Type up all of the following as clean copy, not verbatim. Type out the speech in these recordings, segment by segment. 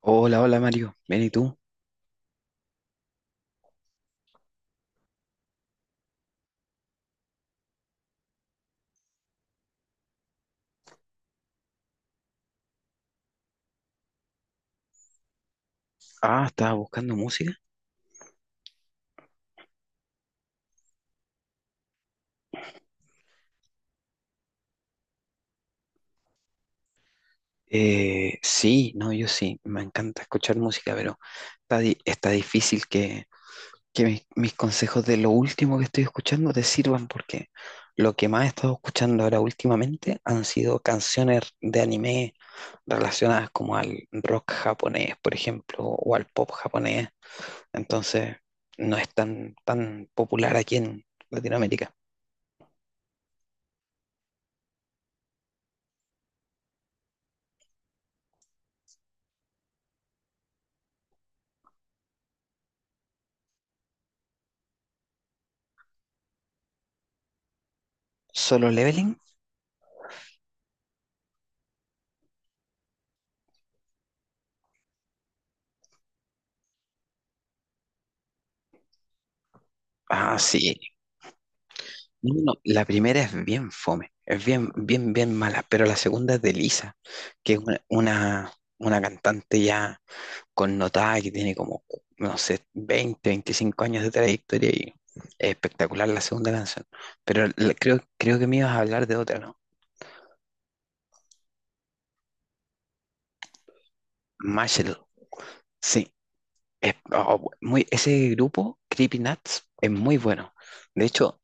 Hola, hola Mario, ¿bien y tú? Ah, ¿estabas buscando música? Sí, no, yo sí, me encanta escuchar música, pero está difícil que mis consejos de lo último que estoy escuchando te sirvan porque lo que más he estado escuchando ahora últimamente han sido canciones de anime relacionadas como al rock japonés, por ejemplo, o al pop japonés, entonces no es tan popular aquí en Latinoamérica. Solo Leveling, ah, sí. No, no, no, la primera es bien fome, es bien, bien, bien mala, pero la segunda es de Lisa, que es una cantante ya connotada que tiene como, no sé, 20, 25 años de trayectoria y es espectacular la segunda canción. Pero creo que me ibas a hablar de otra, ¿no? Marshall, sí. Oh, ese grupo, Creepy Nuts, es muy bueno. De hecho,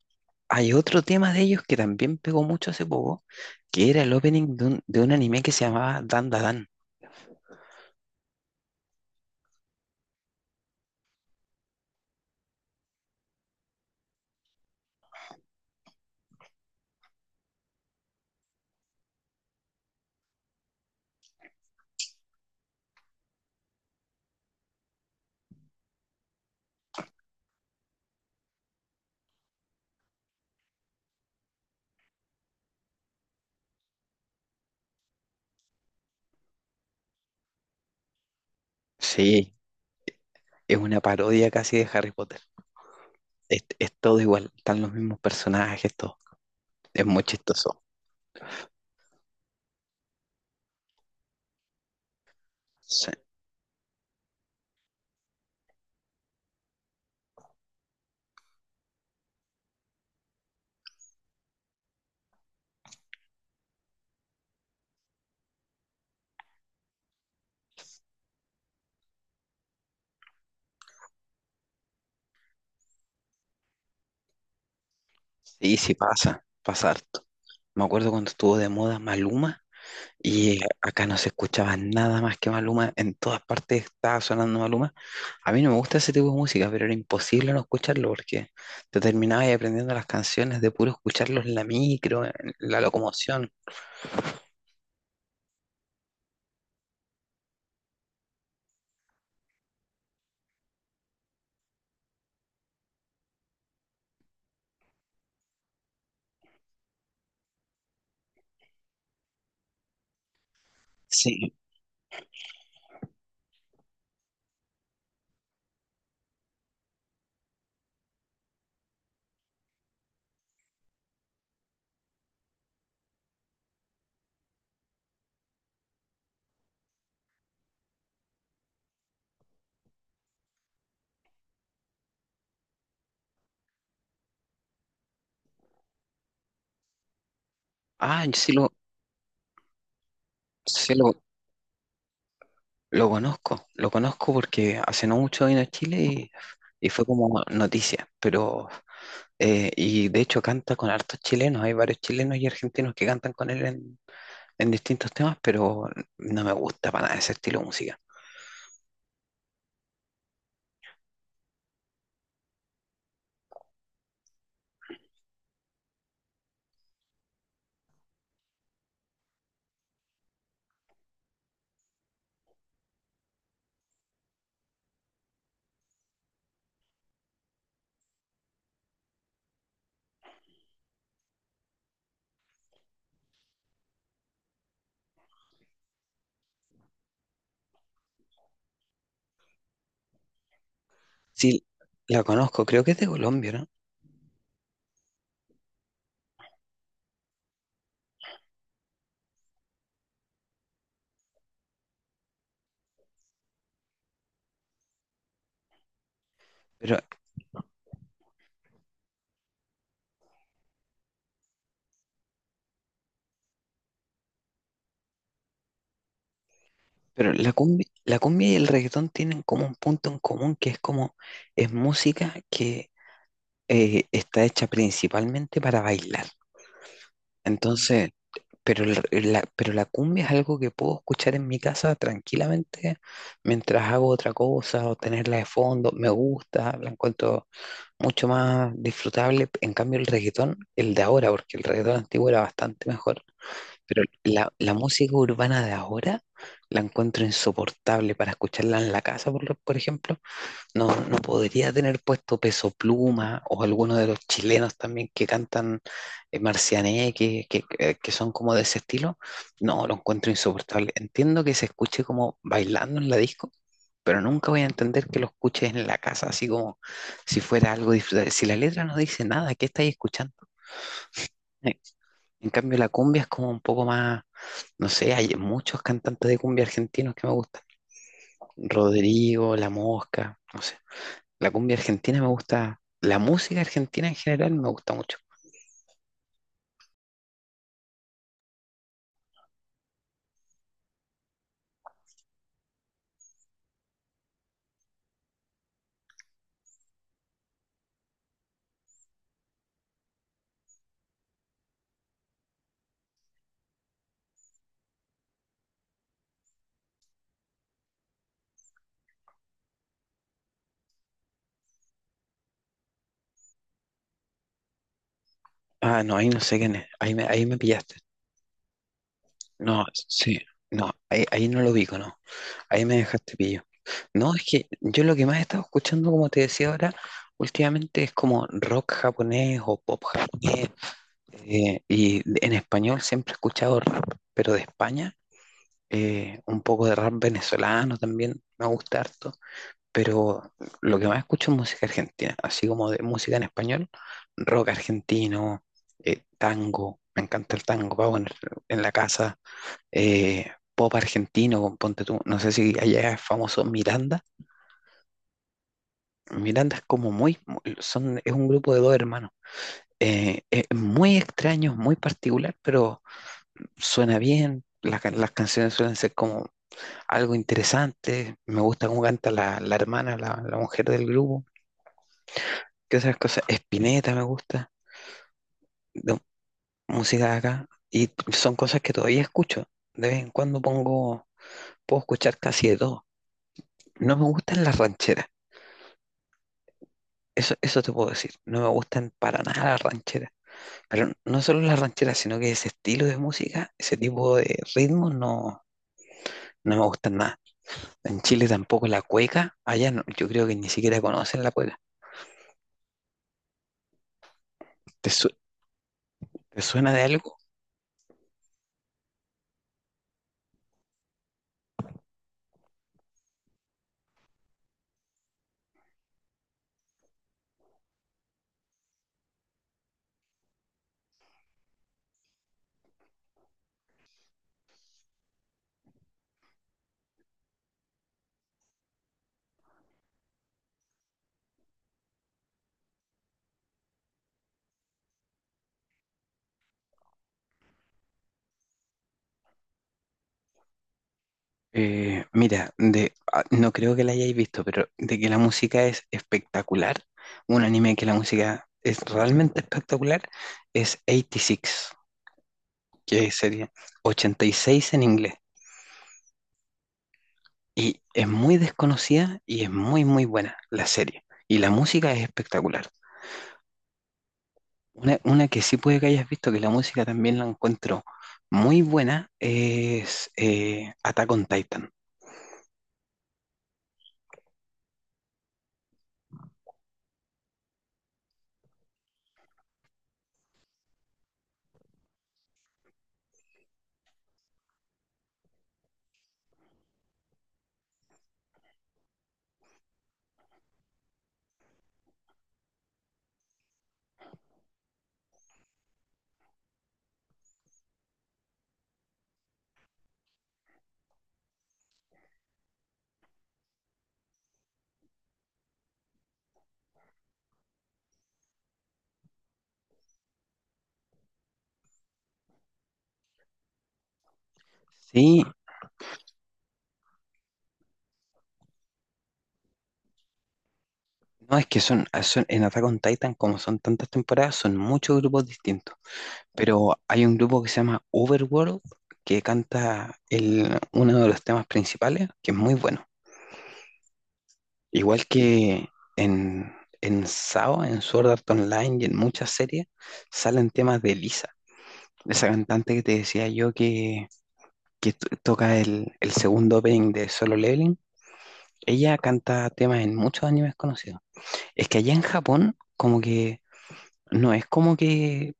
hay otro tema de ellos que también pegó mucho hace poco, que era el opening de un anime que se llamaba Dan Da Dan. Sí, es una parodia casi de Harry Potter. Es todo igual, están los mismos personajes, todo. Es muy chistoso. Sí, sí, sí pasa, pasa harto. Me acuerdo cuando estuvo de moda Maluma y acá no se escuchaba nada más que Maluma, en todas partes estaba sonando Maluma. A mí no me gusta ese tipo de música, pero era imposible no escucharlo porque te terminabas aprendiendo las canciones de puro escucharlos en la micro, en la locomoción. Sí. Ah, yo sí lo conozco porque hace no mucho vino a Chile y, fue como noticia, pero y de hecho canta con hartos chilenos, hay varios chilenos y argentinos que cantan con él en, distintos temas, pero no me gusta para nada ese estilo de música. Sí, la conozco, creo que es de Colombia, ¿no? Pero, pero la cumbia y el reggaetón tienen como un punto en común que es música que está hecha principalmente para bailar. Entonces, Pero pero la cumbia es algo que puedo escuchar en mi casa tranquilamente mientras hago otra cosa o tenerla de fondo. Me gusta, la encuentro mucho más disfrutable. En cambio, el reggaetón, el de ahora, porque el reggaetón antiguo era bastante mejor. Pero la música urbana de ahora la encuentro insoportable para escucharla en la casa, por ejemplo no, no podría tener puesto Peso Pluma o alguno de los chilenos también que cantan Marciané, que son como de ese estilo. No, lo encuentro insoportable. Entiendo que se escuche como bailando en la disco, pero nunca voy a entender que lo escuches en la casa, así como si fuera algo disfrutable. Si la letra no dice nada, ¿qué estáis escuchando? Eh, En cambio, la cumbia es como un poco más, no sé, hay muchos cantantes de cumbia argentinos que me gustan. Rodrigo, La Mosca, no sé. La cumbia argentina me gusta, la música argentina en general me gusta mucho. Ah, no, ahí no sé quién es, ahí me pillaste. No, sí, no, ahí no lo ubico, no, ahí me dejaste pillo. No, es que yo lo que más he estado escuchando, como te decía ahora, últimamente es como rock japonés o pop japonés. Y en español siempre he escuchado rap, pero de España, un poco de rap venezolano también, me gusta harto. Pero lo que más escucho es música argentina, así como de música en español, rock argentino, tango, me encanta el tango, pago en, la casa, pop argentino, con ponte tú, no sé si allá es famoso Miranda. Miranda es como muy, muy- son, es un grupo de dos hermanos, es muy extraño, muy particular, pero suena bien. Las canciones suelen ser como algo interesante. Me gusta cómo canta la hermana, la mujer del grupo. ¿Qué otras cosas? Spinetta me gusta, de música de acá, y son cosas que todavía escucho. De vez en cuando puedo escuchar casi de todo. No me gustan las rancheras, eso te puedo decir. No me gustan para nada las rancheras. Pero no solo las rancheras, sino que ese estilo de música, ese tipo de ritmos, no, no me gustan nada. En Chile tampoco la cueca, allá no- yo creo que ni siquiera conocen la cueca. ¿Te, su- te suena de algo? Mira, no creo que la hayáis visto, pero de que la música es espectacular, un anime que la música es realmente espectacular, es 86, que sería 86 en inglés. Y es muy desconocida y es muy, muy buena la serie. Y la música es espectacular. Una que sí puede que hayas visto, que la música también la encuentro muy buena, es Attack on Titan. Sí. No, es que en Attack on Titan, como son tantas temporadas, son muchos grupos distintos. Pero hay un grupo que se llama Overworld que canta uno de los temas principales, que es muy bueno. Igual que en, en, SAO, en Sword Art Online y en muchas series, salen temas de Lisa, esa cantante que te decía yo que toca el segundo opening de Solo Leveling. Ella canta temas en muchos animes conocidos. Es que allá en Japón, como que. No es como que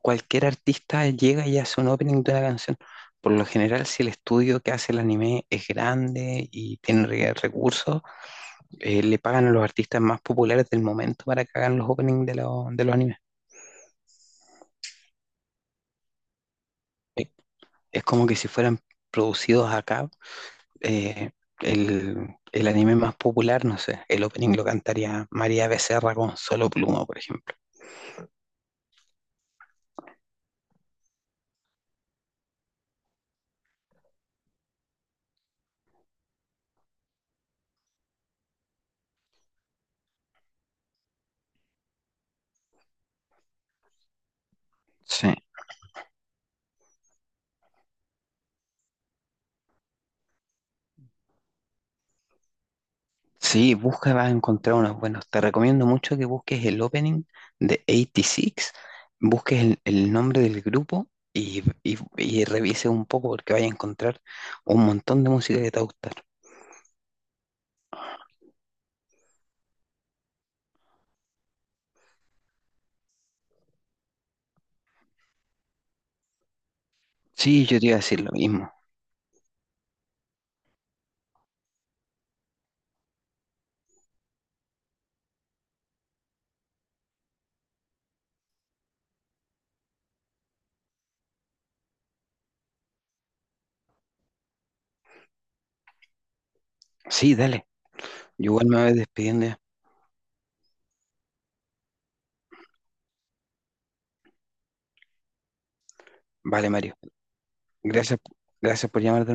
cualquier artista llega y hace un opening de una canción. Por lo general, si el estudio que hace el anime es grande y tiene recursos, le pagan a los artistas más populares del momento para que hagan los openings de los animes. Eh, Es como que si fueran producidos acá, eh, el anime más popular, no sé, el opening lo cantaría María Becerra con Solo Pluma, por ejemplo. Sí. Sí, busca, vas a encontrar unos buenos. Te recomiendo mucho que busques el opening de 86, busques el nombre del grupo y, y revises un poco porque vas a encontrar un montón de música que te va a gustar. Sí, yo te iba a decir lo mismo. Sí, dale. Yo igual me voy despidiendo ya. Vale, Mario. Gracias, gracias por llamarte.